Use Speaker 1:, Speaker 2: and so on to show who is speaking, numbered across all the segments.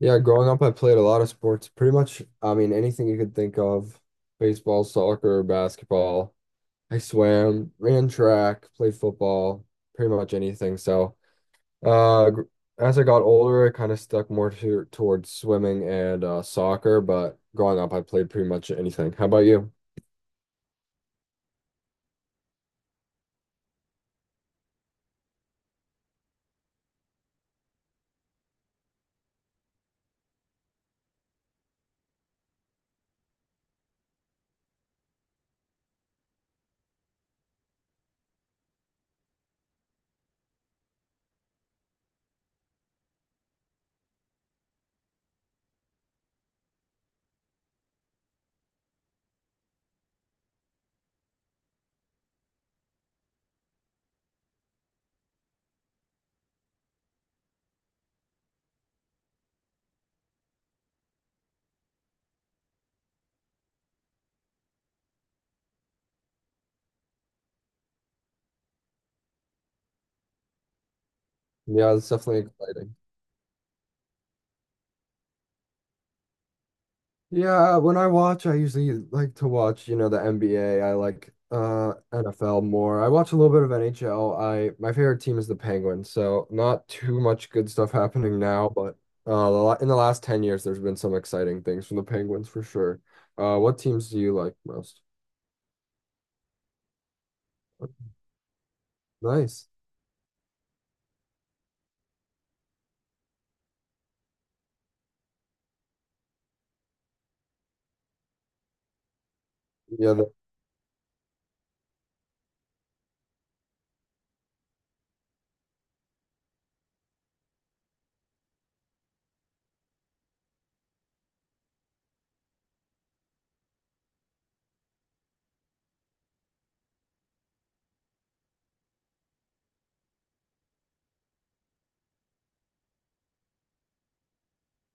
Speaker 1: Yeah, growing up, I played a lot of sports. Pretty much, I mean, anything you could think of. Baseball, soccer, basketball. I swam, ran track, played football, pretty much anything. So, uh, gr- as I got older, I kind of stuck towards swimming and soccer, but growing up, I played pretty much anything. How about you? Yeah, it's definitely exciting. Yeah, when I watch, I usually like to watch, you know, the NBA. I like NFL more. I watch a little bit of NHL. I My favorite team is the Penguins, so not too much good stuff happening now, but in the last 10 years there's been some exciting things from the Penguins for sure. Uh, what teams do you like most? Nice. Yeah, that,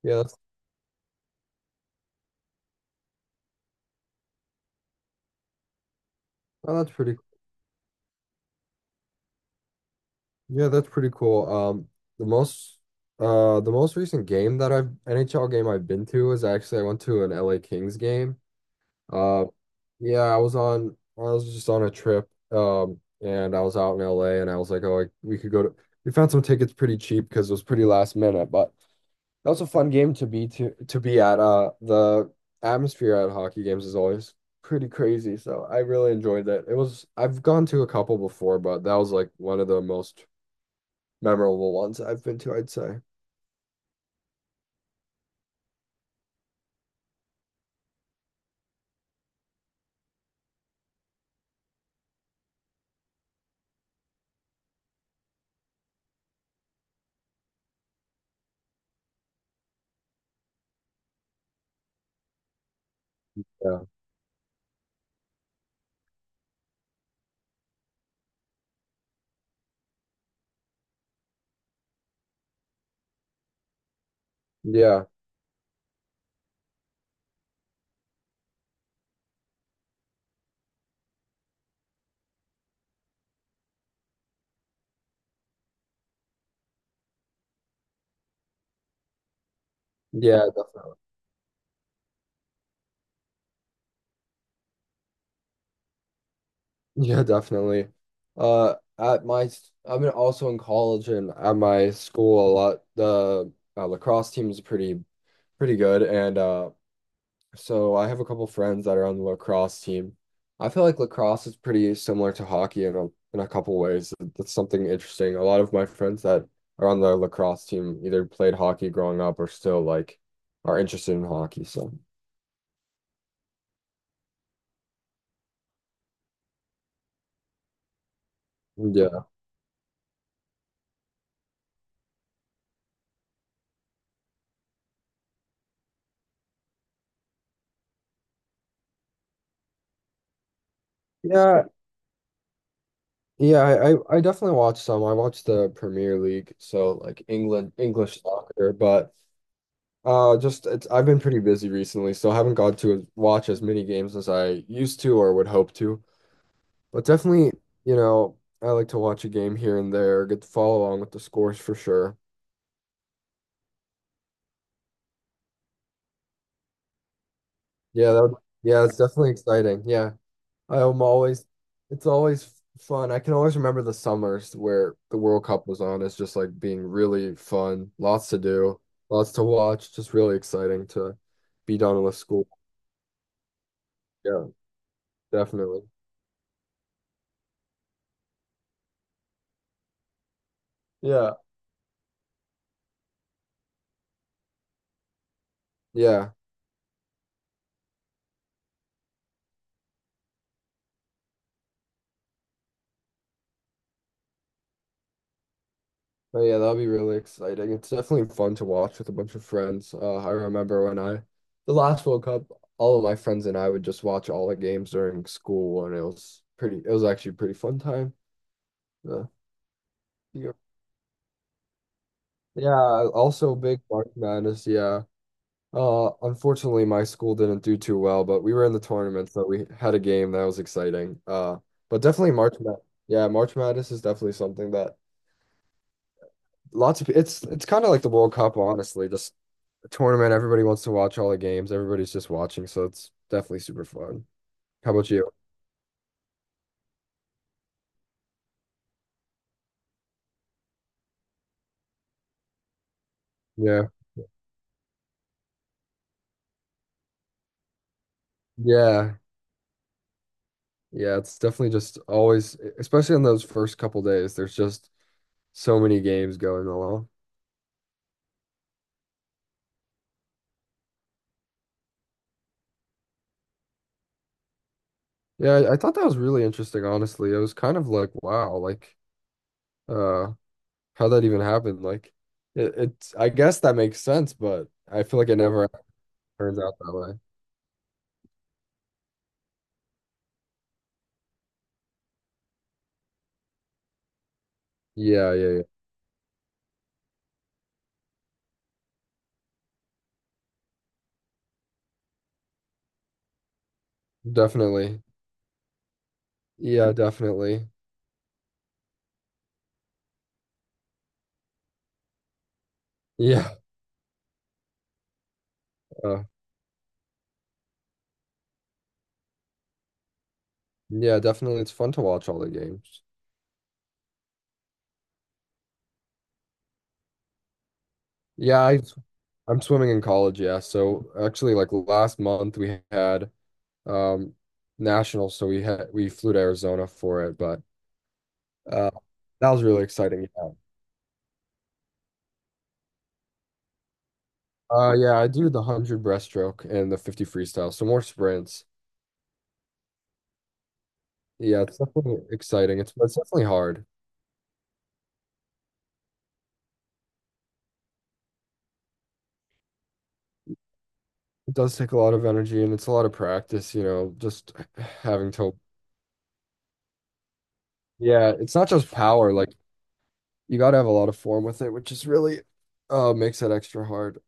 Speaker 1: yeah, that's oh, that's pretty Yeah, that's pretty cool. The most recent game that I've NHL game I've been to is actually I went to an LA Kings game. Uh, Yeah, I was just on a trip and I was out in LA and I was like, oh, like we could go to we found some tickets pretty cheap because it was pretty last minute, but that was a fun game to be at. Uh, the atmosphere at hockey games is always pretty crazy, so I really enjoyed that. It was I've gone to a couple before, but that was like one of the most memorable ones I've been to, I'd say. Yeah. Yeah. Yeah, definitely. Yeah, definitely. I'm also in college, and at my school a lot. The lacrosse team is pretty good, and so I have a couple friends that are on the lacrosse team. I feel like lacrosse is pretty similar to hockey in a couple ways. That's something interesting. A lot of my friends that are on the lacrosse team either played hockey growing up or still like are interested in hockey. So yeah. Yeah. Yeah, I definitely watch some. I watch the Premier League, so like England English soccer, but just it's I've been pretty busy recently, so I haven't got watch as many games as I used to or would hope to. But definitely, you know, I like to watch a game here and there, get to follow along with the scores for sure. Yeah, that, yeah, it's definitely exciting. Yeah. I'm always, it's always fun. I can always remember the summers where the World Cup was on. It's just like being really fun, lots to do, lots to watch, just really exciting to be done with school. Yeah, definitely. Yeah, yeah. But yeah, that'll be really exciting. It's definitely fun to watch with a bunch of friends. I remember when I, The last World Cup, all of my friends and I would just watch all the games during school, and it was actually a pretty fun time. Yeah. Yeah, also big March Madness. Yeah. Unfortunately, my school didn't do too well, but we were in the tournament, so we had a game that was exciting. But definitely March Mad. Yeah, March Madness is definitely something that it's kind of like the World Cup, honestly. Just a tournament, everybody wants to watch all the games. Everybody's just watching, so it's definitely super fun. How about you? Yeah. Yeah. Yeah, it's definitely just always, especially on those first couple days, there's just so many games going along. I thought that was really interesting, honestly. It was kind of like, wow, like uh how that even happened. Like it's I guess that makes sense, but I feel like it never turns out that way. Yeah, yeah, yeah. Definitely. Yeah, definitely. Yeah. Uh, yeah, definitely. It's fun to watch all the games. Yeah, I I'm swimming in college, yeah. So actually like last month we had um nationals, so we flew to Arizona for it, but uh that was really exciting. Yeah. Yeah, I do the 100 breaststroke and the 50 freestyle, so more sprints. Yeah, it's definitely exciting. It's definitely hard. It does take a lot of energy and it's a lot of practice, you know, having to, yeah, it's not just power, like you got to have a lot of form with it, which is really makes it extra hard.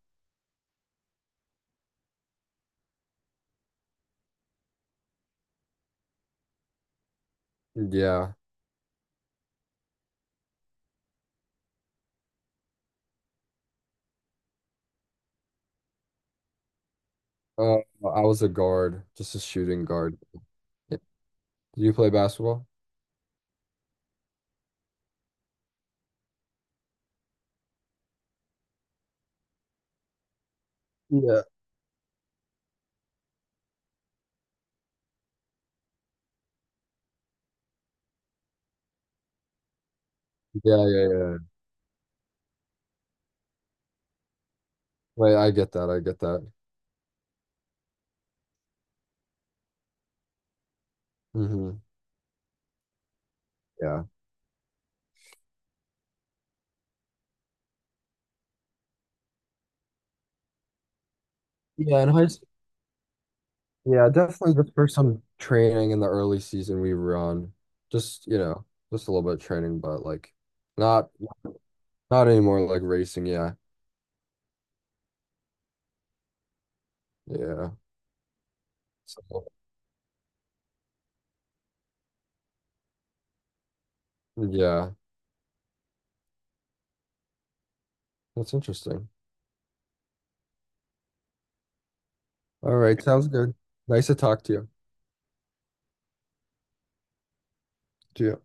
Speaker 1: Yeah. Uh, I was a guard, just a shooting guard. Yeah. Do you play basketball? Yeah. Yeah, yeah, yeah. Wait, I get that. I get that. Hmm. Yeah. Yeah, in high Yeah, definitely just for some training in the early season we run. Just, you know, just a little bit of training, but like not not anymore like racing, yeah. Yeah. So, yeah. That's interesting. All right, sounds good. Nice to talk to you. To you.